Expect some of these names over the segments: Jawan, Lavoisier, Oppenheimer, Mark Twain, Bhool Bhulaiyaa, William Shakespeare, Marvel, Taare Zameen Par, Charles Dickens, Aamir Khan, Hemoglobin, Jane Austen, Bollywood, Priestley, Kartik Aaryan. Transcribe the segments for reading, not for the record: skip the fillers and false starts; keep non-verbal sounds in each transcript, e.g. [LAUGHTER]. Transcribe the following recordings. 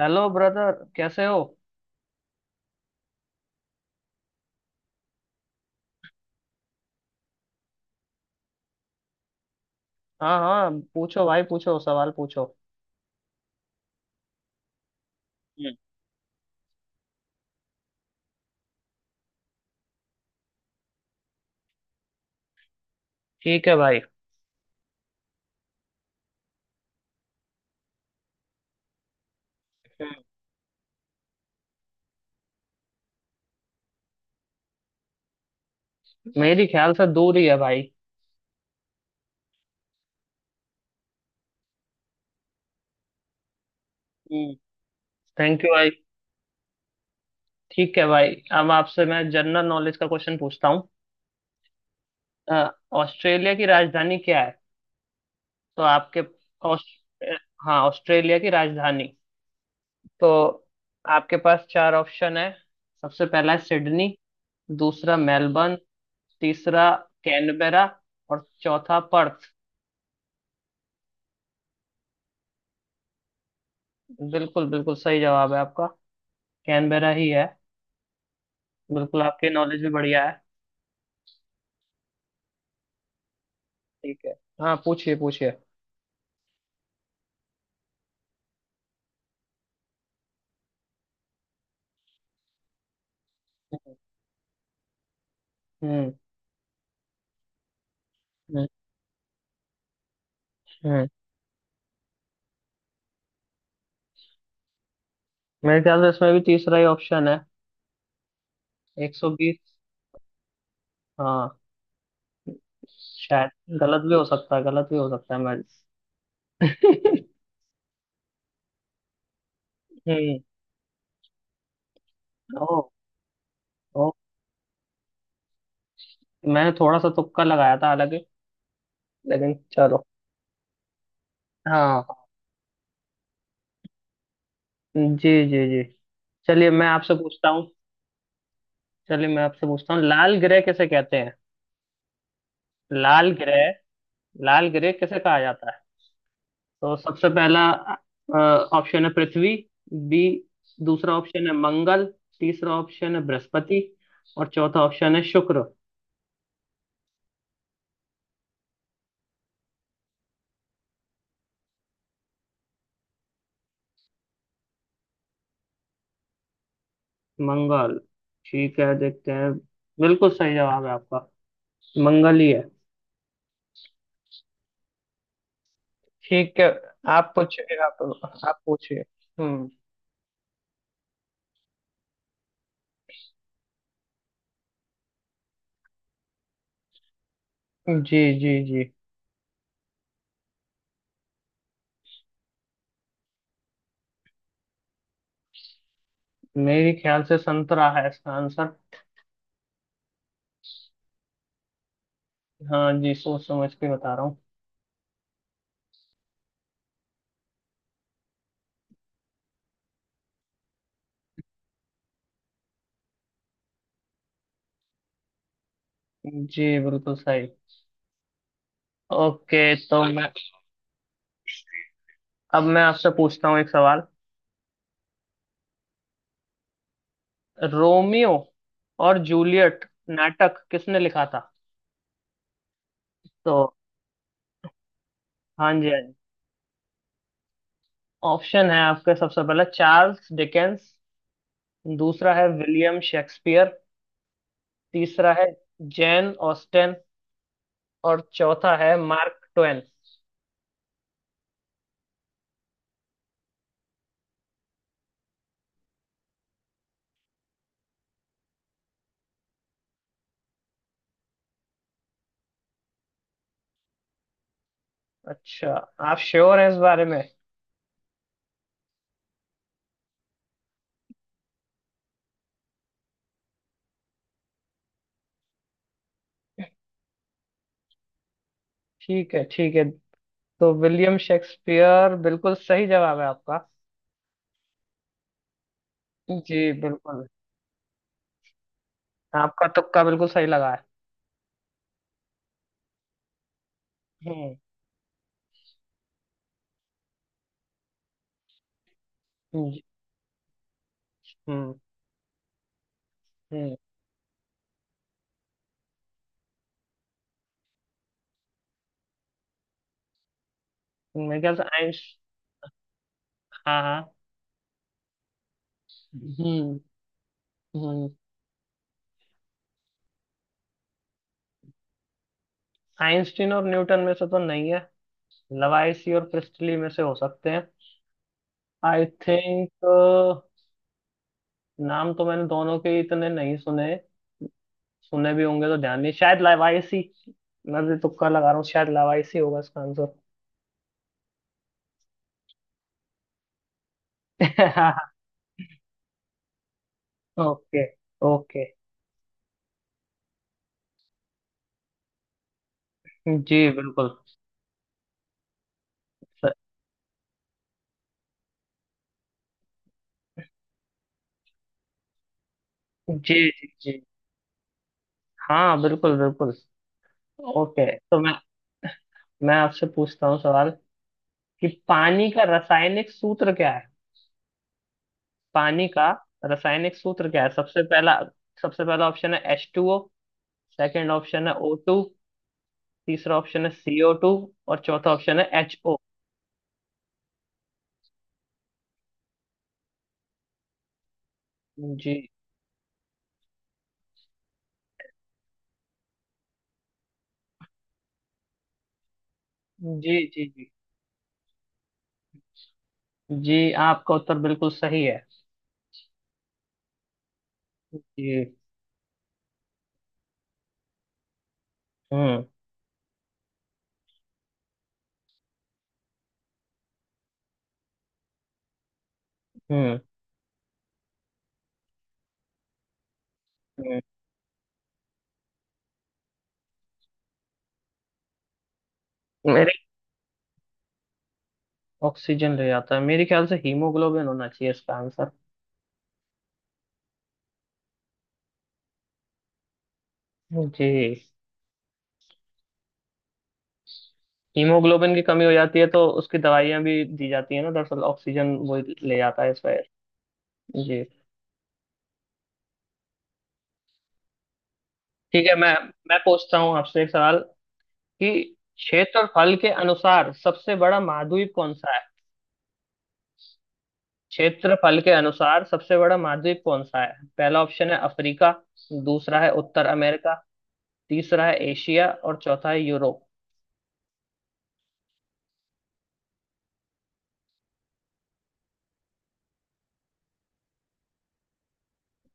Hello brother, कैसे हो। हाँ हाँ, पूछो भाई, पूछो सवाल, पूछो। हम्म। ठीक है भाई। हम्म। मेरी ख्याल से दूर ही है भाई। हम्म, थैंक यू भाई। ठीक है भाई। अब आपसे मैं जनरल नॉलेज का क्वेश्चन पूछता हूँ। अ, ऑस्ट्रेलिया की राजधानी क्या है। तो आपके ऑस- अ, हाँ, ऑस्ट्रेलिया की राजधानी। तो आपके पास चार ऑप्शन है। सबसे पहला है सिडनी। दूसरा मेलबर्न। तीसरा कैनबेरा। और चौथा पर्थ। बिल्कुल बिल्कुल सही जवाब है आपका। कैनबेरा ही है। बिल्कुल, आपके नॉलेज भी बढ़िया है। ठीक है। हाँ, पूछिए पूछिए। हम्म हम्म हम्म। मेरे ख्याल से इसमें भी तीसरा ही ऑप्शन है। 120। हाँ। शायद। गलत भी हो सकता है, गलत भी हो सकता है मैं। [LAUGHS] हम्म। ओ, ओ। मैंने थोड़ा सा तुक्का लगाया था हालांकि। लेकिन चलो। हाँ, जी जी जी। चलिए, मैं आपसे पूछता हूँ। चलिए, मैं आपसे पूछता हूँ, लाल ग्रह किसे कहते हैं। लाल ग्रह। लाल ग्रह किसे कहा जाता है। तो सबसे पहला ऑप्शन है पृथ्वी। बी। दूसरा ऑप्शन है मंगल। तीसरा ऑप्शन है बृहस्पति। और चौथा ऑप्शन है शुक्र। मंगल। ठीक है, देखते हैं। बिल्कुल सही जवाब है आपका। मंगल ही है। ठीक है। आप पूछिए आप। आप पूछिए। हम्म। जी जी जी। मेरे ख्याल से संतरा है इसका आंसर। हाँ जी, सोच समझ के बता रहा हूँ। जी, बिल्कुल सही। ओके, तो मैं। अब मैं आपसे पूछता हूँ एक सवाल। रोमियो और जूलियट नाटक किसने लिखा था। तो। हाँ जी, हाँ जी। ऑप्शन है आपके, सबसे पहला चार्ल्स डिकेंस। दूसरा है विलियम शेक्सपियर। तीसरा है जैन ऑस्टेन। और चौथा है मार्क ट्वेन। अच्छा। आप श्योर हैं इस बारे में? ठीक है ठीक है। तो विलियम शेक्सपियर बिल्कुल सही जवाब है आपका। जी बिल्कुल। आपका तुक्का बिल्कुल सही लगा है। हम्म। जी। हम्म हम्म। मेरे ख्याल से आइंस हाँ हाँ। हम्म हम्म। आइंस्टीन और न्यूटन में से तो नहीं है। लवाइसी और प्रिस्टली में से हो सकते हैं। I think. नाम तो मैंने दोनों के इतने नहीं सुने। सुने भी होंगे तो ध्यान नहीं, शायद लवाइसी। मैं भी तुक्का लगा रहा हूँ, शायद लवाइसी होगा इसका आंसर। [LAUGHS] Okay okay. जी बिल्कुल। सर। जी जी जी। हाँ, बिल्कुल बिल्कुल। ओके, तो मैं आपसे पूछता हूँ सवाल, कि पानी का रासायनिक सूत्र क्या है। पानी का रासायनिक सूत्र क्या है। सबसे पहला ऑप्शन है H two O. Second option है ओ टू। तीसरा ऑप्शन है सीओ टू। और चौथा ऑप्शन है एच ओ। जी जी जी। जी। जी आपका उत्तर बिल्कुल सही है। जी। हम्म हम्म हम्म। मेरे ऑक्सीजन ले जाता है, मेरे ख्याल से हीमोग्लोबिन होना चाहिए इसका आंसर। जी। हीमोग्लोबिन की कमी हो जाती है तो उसकी दवाइयां भी दी जाती है ना, दरअसल ऑक्सीजन वो ले जाता है इस वजह से। जी, ठीक है। मैं पूछता हूँ आपसे एक सवाल, कि क्षेत्रफल के अनुसार सबसे बड़ा महाद्वीप कौन सा है। क्षेत्रफल के अनुसार सबसे बड़ा महाद्वीप कौन सा है। पहला ऑप्शन है अफ्रीका। दूसरा है उत्तर अमेरिका। तीसरा है एशिया। और चौथा है यूरोप।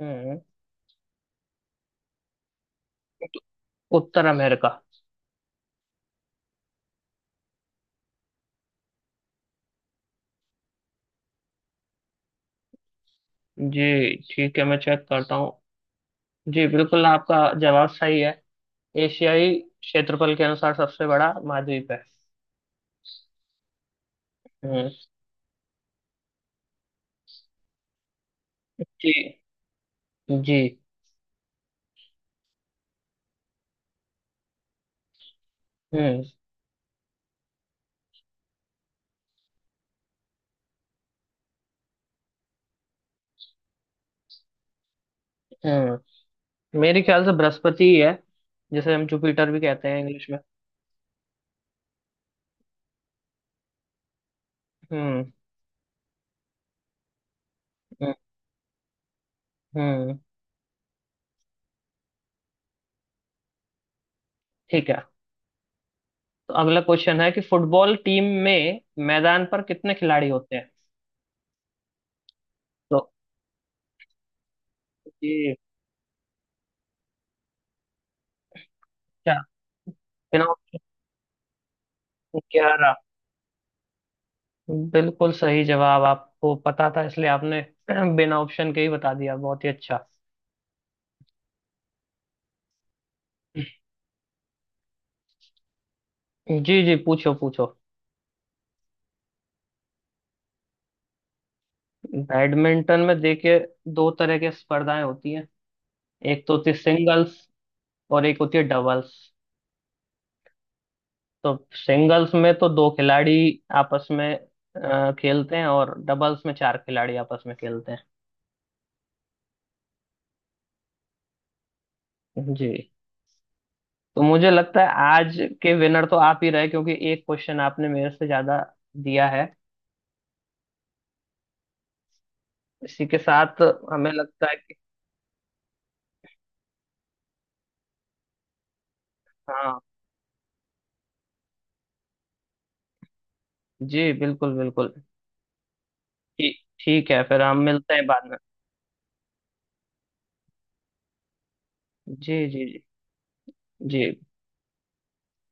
हम्म। उत्तर अमेरिका। जी ठीक है, मैं चेक करता हूँ। जी बिल्कुल, आपका जवाब सही है। एशियाई क्षेत्रफल के अनुसार सबसे बड़ा महाद्वीप है। हम्म। जी। जी। हम्म। हम्म। मेरे ख्याल से बृहस्पति ही है। जिसे हम जुपिटर भी कहते हैं इंग्लिश में। हम्म। हम्म हम्म। ठीक है, तो अगला क्वेश्चन है, कि फुटबॉल टीम में मैदान पर कितने खिलाड़ी होते हैं। तो ये क्या, बिना ऑप्शन। 11। बिल्कुल सही जवाब, आपको पता था इसलिए आपने [CLEARS THROAT] बिना ऑप्शन के ही बता दिया, बहुत ही अच्छा। जी जी, पूछो पूछो। बैडमिंटन में देखिए, दो तरह की स्पर्धाएं होती हैं। एक तो होती है सिंगल्स। और एक होती है डबल्स। तो सिंगल्स में तो दो खिलाड़ी आपस में खेलते हैं, और डबल्स में चार खिलाड़ी आपस में खेलते हैं जी। तो मुझे लगता है आज के विनर तो आप ही रहे, क्योंकि एक क्वेश्चन आपने मेरे से ज्यादा दिया है। इसी के साथ हमें लगता है कि हाँ। जी बिल्कुल बिल्कुल। ठी- ठीक है फिर, हम मिलते हैं बाद में। जी जी जी जी।